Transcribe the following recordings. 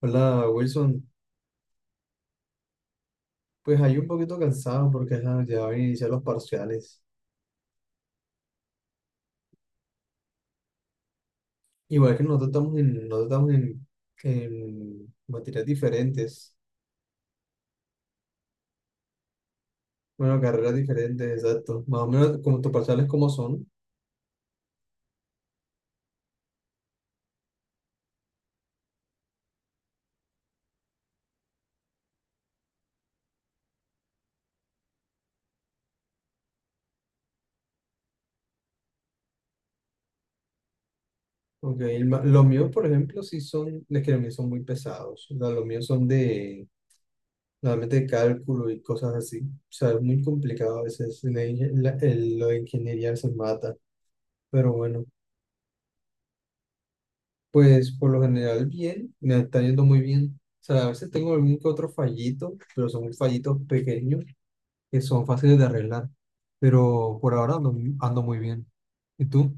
Hola Wilson, pues ahí un poquito cansado porque ajá, ya van a iniciar los parciales. Igual que nosotros estamos en, en materias diferentes, bueno, carreras diferentes, exacto. Más o menos como tus parciales como son, porque los míos, por ejemplo, sí son, les que los míos son muy pesados. O sea, los míos son de, normalmente cálculo y cosas así. O sea, es muy complicado a veces. La inge- la- el- Lo de ingeniería se mata, pero bueno. Pues por lo general bien, me está yendo muy bien. O sea, a veces tengo algún que otro fallito, pero son fallitos pequeños que son fáciles de arreglar. Pero por ahora ando, ando muy bien. ¿Y tú?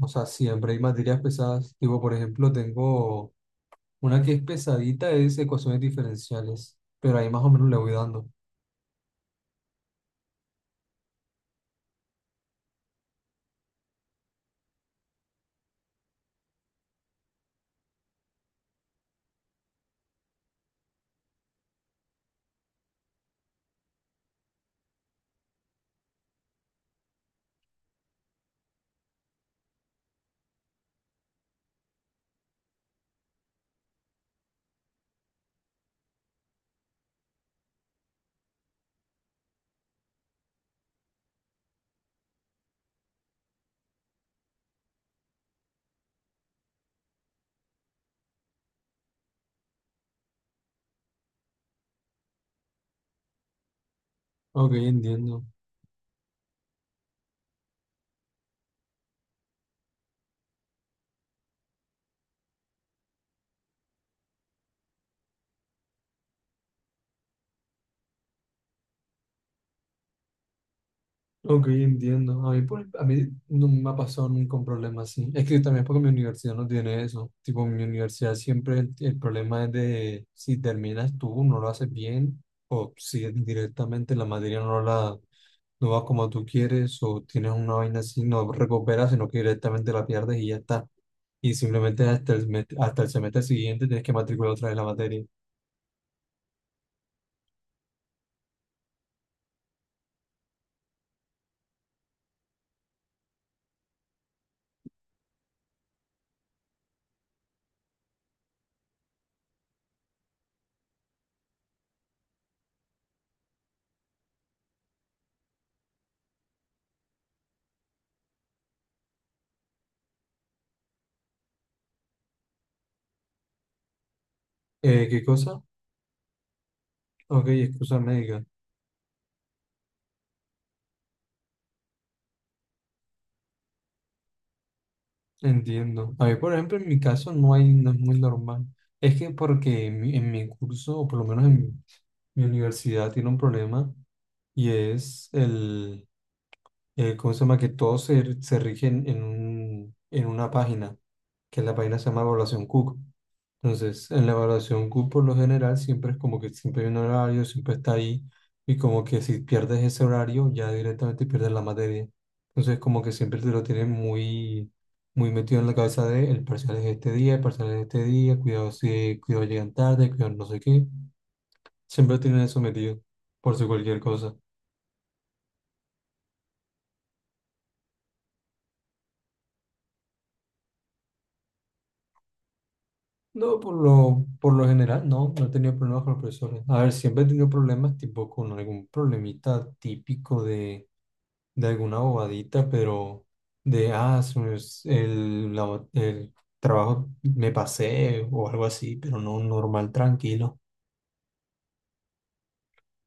O sea, siempre hay materias pesadas. Tipo, por ejemplo, tengo una que es pesadita, es ecuaciones diferenciales, pero ahí más o menos le voy dando. Ok, entiendo. Ok, entiendo. A mí, a mí no me ha pasado nunca un problema así. Es que también es porque mi universidad no tiene eso. Tipo, mi universidad siempre el problema es de si terminas tú, no lo haces bien, o si directamente la materia no va como tú quieres, o tienes una vaina así, no recuperas, sino que directamente la pierdes y ya está. Y simplemente hasta hasta el semestre siguiente tienes que matricular otra vez la materia. ¿Qué cosa? Ok, excusa médica. Entiendo. A mí, por ejemplo, en mi caso no hay, no es muy normal. Es que porque en mi curso, o por lo menos en mi, mi universidad, tiene un problema y es el, ¿cómo se llama? Que todos se, se rigen en un, en una página, que la página se llama Evaluación Cook. Entonces, en la evaluación Q por lo general siempre es como que siempre hay un horario, siempre está ahí, y como que si pierdes ese horario, ya directamente pierdes la materia. Entonces, como que siempre te lo tienen muy, muy metido en la cabeza de el parcial es este día, el parcial es este día, cuidado si, cuidado llegan tarde, cuidado no sé qué. Siempre tienen eso metido, por si cualquier cosa. No, por lo general, no, no he tenido problemas con los profesores. A ver, siempre he tenido problemas tipo con algún problemita típico de alguna bobadita, pero de, ah, se me es- el, la- el trabajo me pasé o algo así, pero no normal, tranquilo.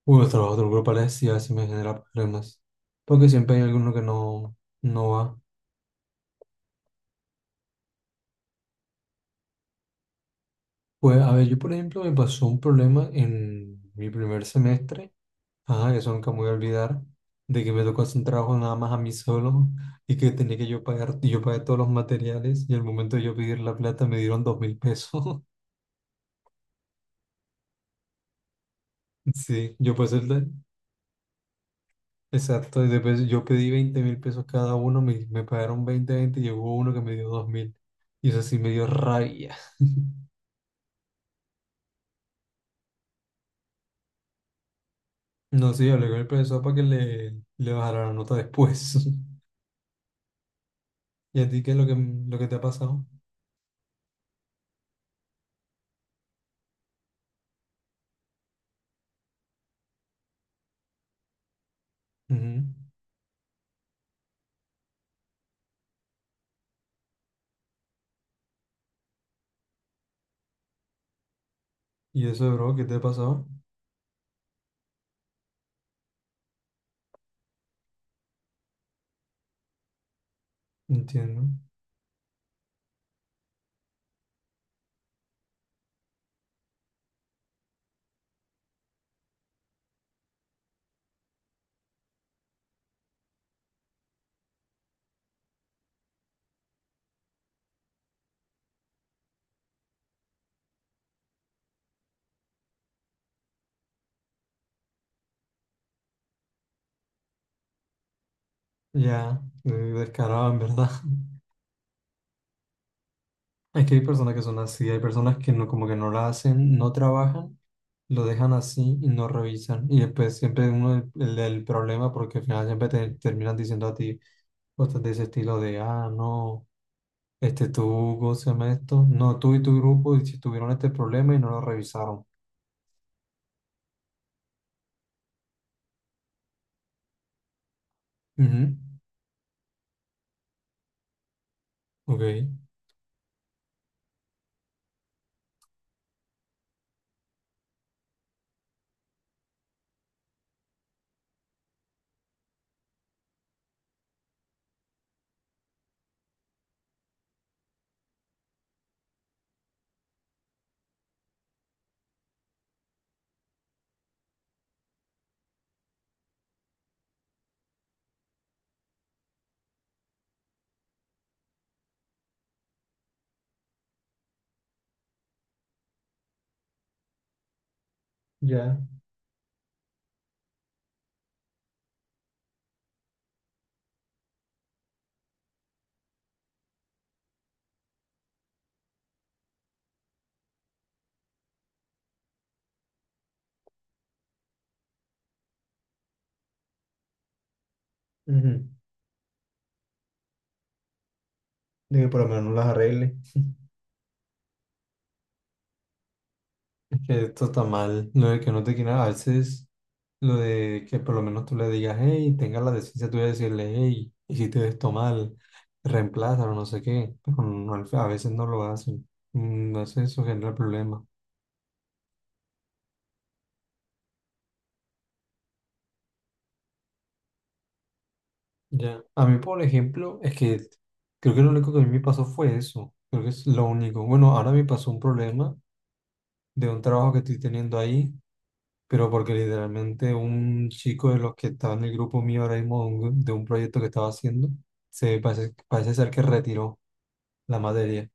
Uy, los trabajos del grupo sí así me genera problemas, porque siempre hay alguno que no, no va. Pues, a ver, yo por ejemplo me pasó un problema en mi primer semestre. Ajá, eso nunca me voy a olvidar, de que me tocó hacer un trabajo nada más a mí solo y que tenía que yo pagar, y yo pagué todos los materiales y al momento de yo pedir la plata me dieron 2.000 pesos. Sí, yo pasé el. Exacto, y después yo pedí 20.000 pesos cada uno, me pagaron 20, 20 y llegó uno que me dio 2.000. Y eso sí me dio rabia. No, sí, hablé con el profesor para que le bajara la nota después. ¿Y a ti qué es lo que te ha pasado? Ujú. ¿Y eso, bro, qué te ha pasado? Entiendo. Ya, descarado en verdad. Es que hay personas que son así, hay personas que no, como que no la hacen, no trabajan, lo dejan así y no revisan. Y después siempre uno el problema porque al final siempre te terminan diciendo a ti cosas de ese estilo de, ah, no, este tú, ¿cómo se llama esto? No, tú y tu grupo y si tuvieron este problema y no lo revisaron. Ujú, Ok, ya. Ujú. De que por lo menos no las arregle. Es que esto está mal, no de que no te quieran a veces. Lo de que por lo menos tú le digas, hey, tenga la decencia tú de decirle, hey, hiciste esto mal, reemplázalo, no sé qué, pero no, a veces no lo hacen. Mm, no sé, eso genera problemas. Ya. A mí, por ejemplo, es que creo que lo único que a mí me pasó fue eso. Creo que es lo único. Bueno, ahora me pasó un problema de un trabajo que estoy teniendo ahí, pero porque literalmente un chico de los que estaba en el grupo mío ahora mismo, de un proyecto que estaba haciendo, se parece, parece ser que retiró la materia.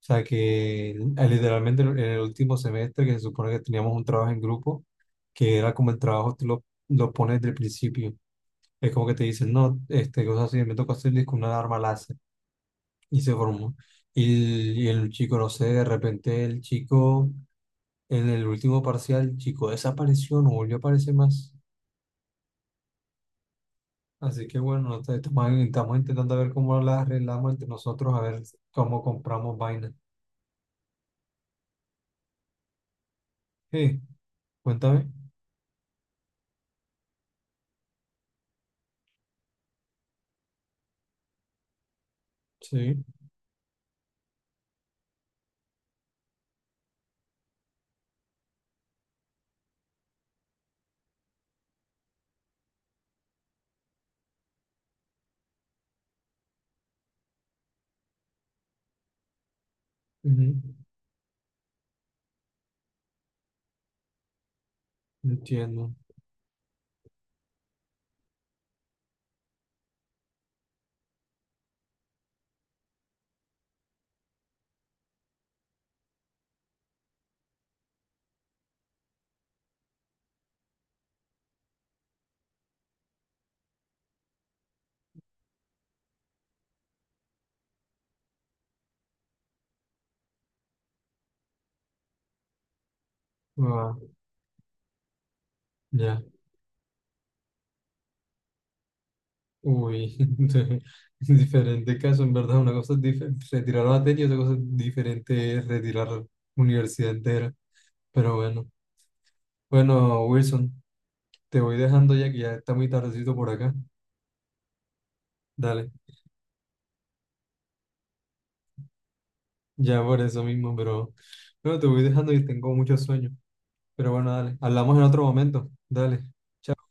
O sea que ah, literalmente en el último semestre que se supone que teníamos un trabajo en grupo, que era como el trabajo tú lo pones desde el principio. Es como que te dicen, no, este, cosas así, me tocó hacer con una alarma láser. Y se formó. Y el chico, no sé, de repente el chico, en el último parcial, el chico desapareció, no volvió a aparecer más. Así que bueno, no te- estamos, estamos intentando ver cómo las arreglamos entre nosotros, a ver cómo compramos vainas. Sí, cuéntame. Sí, ujú, entiendo. Ah, ya. Uy, diferente caso, en verdad. Una cosa es retirar materia, otra cosa es diferente es retirar universidad entera. Pero bueno. Bueno, Wilson, te voy dejando ya que ya está muy tardecito por acá. Dale, ya por eso mismo, pero bueno, te voy dejando y tengo mucho sueño. Pero bueno, dale, hablamos en otro momento. Dale. Chao.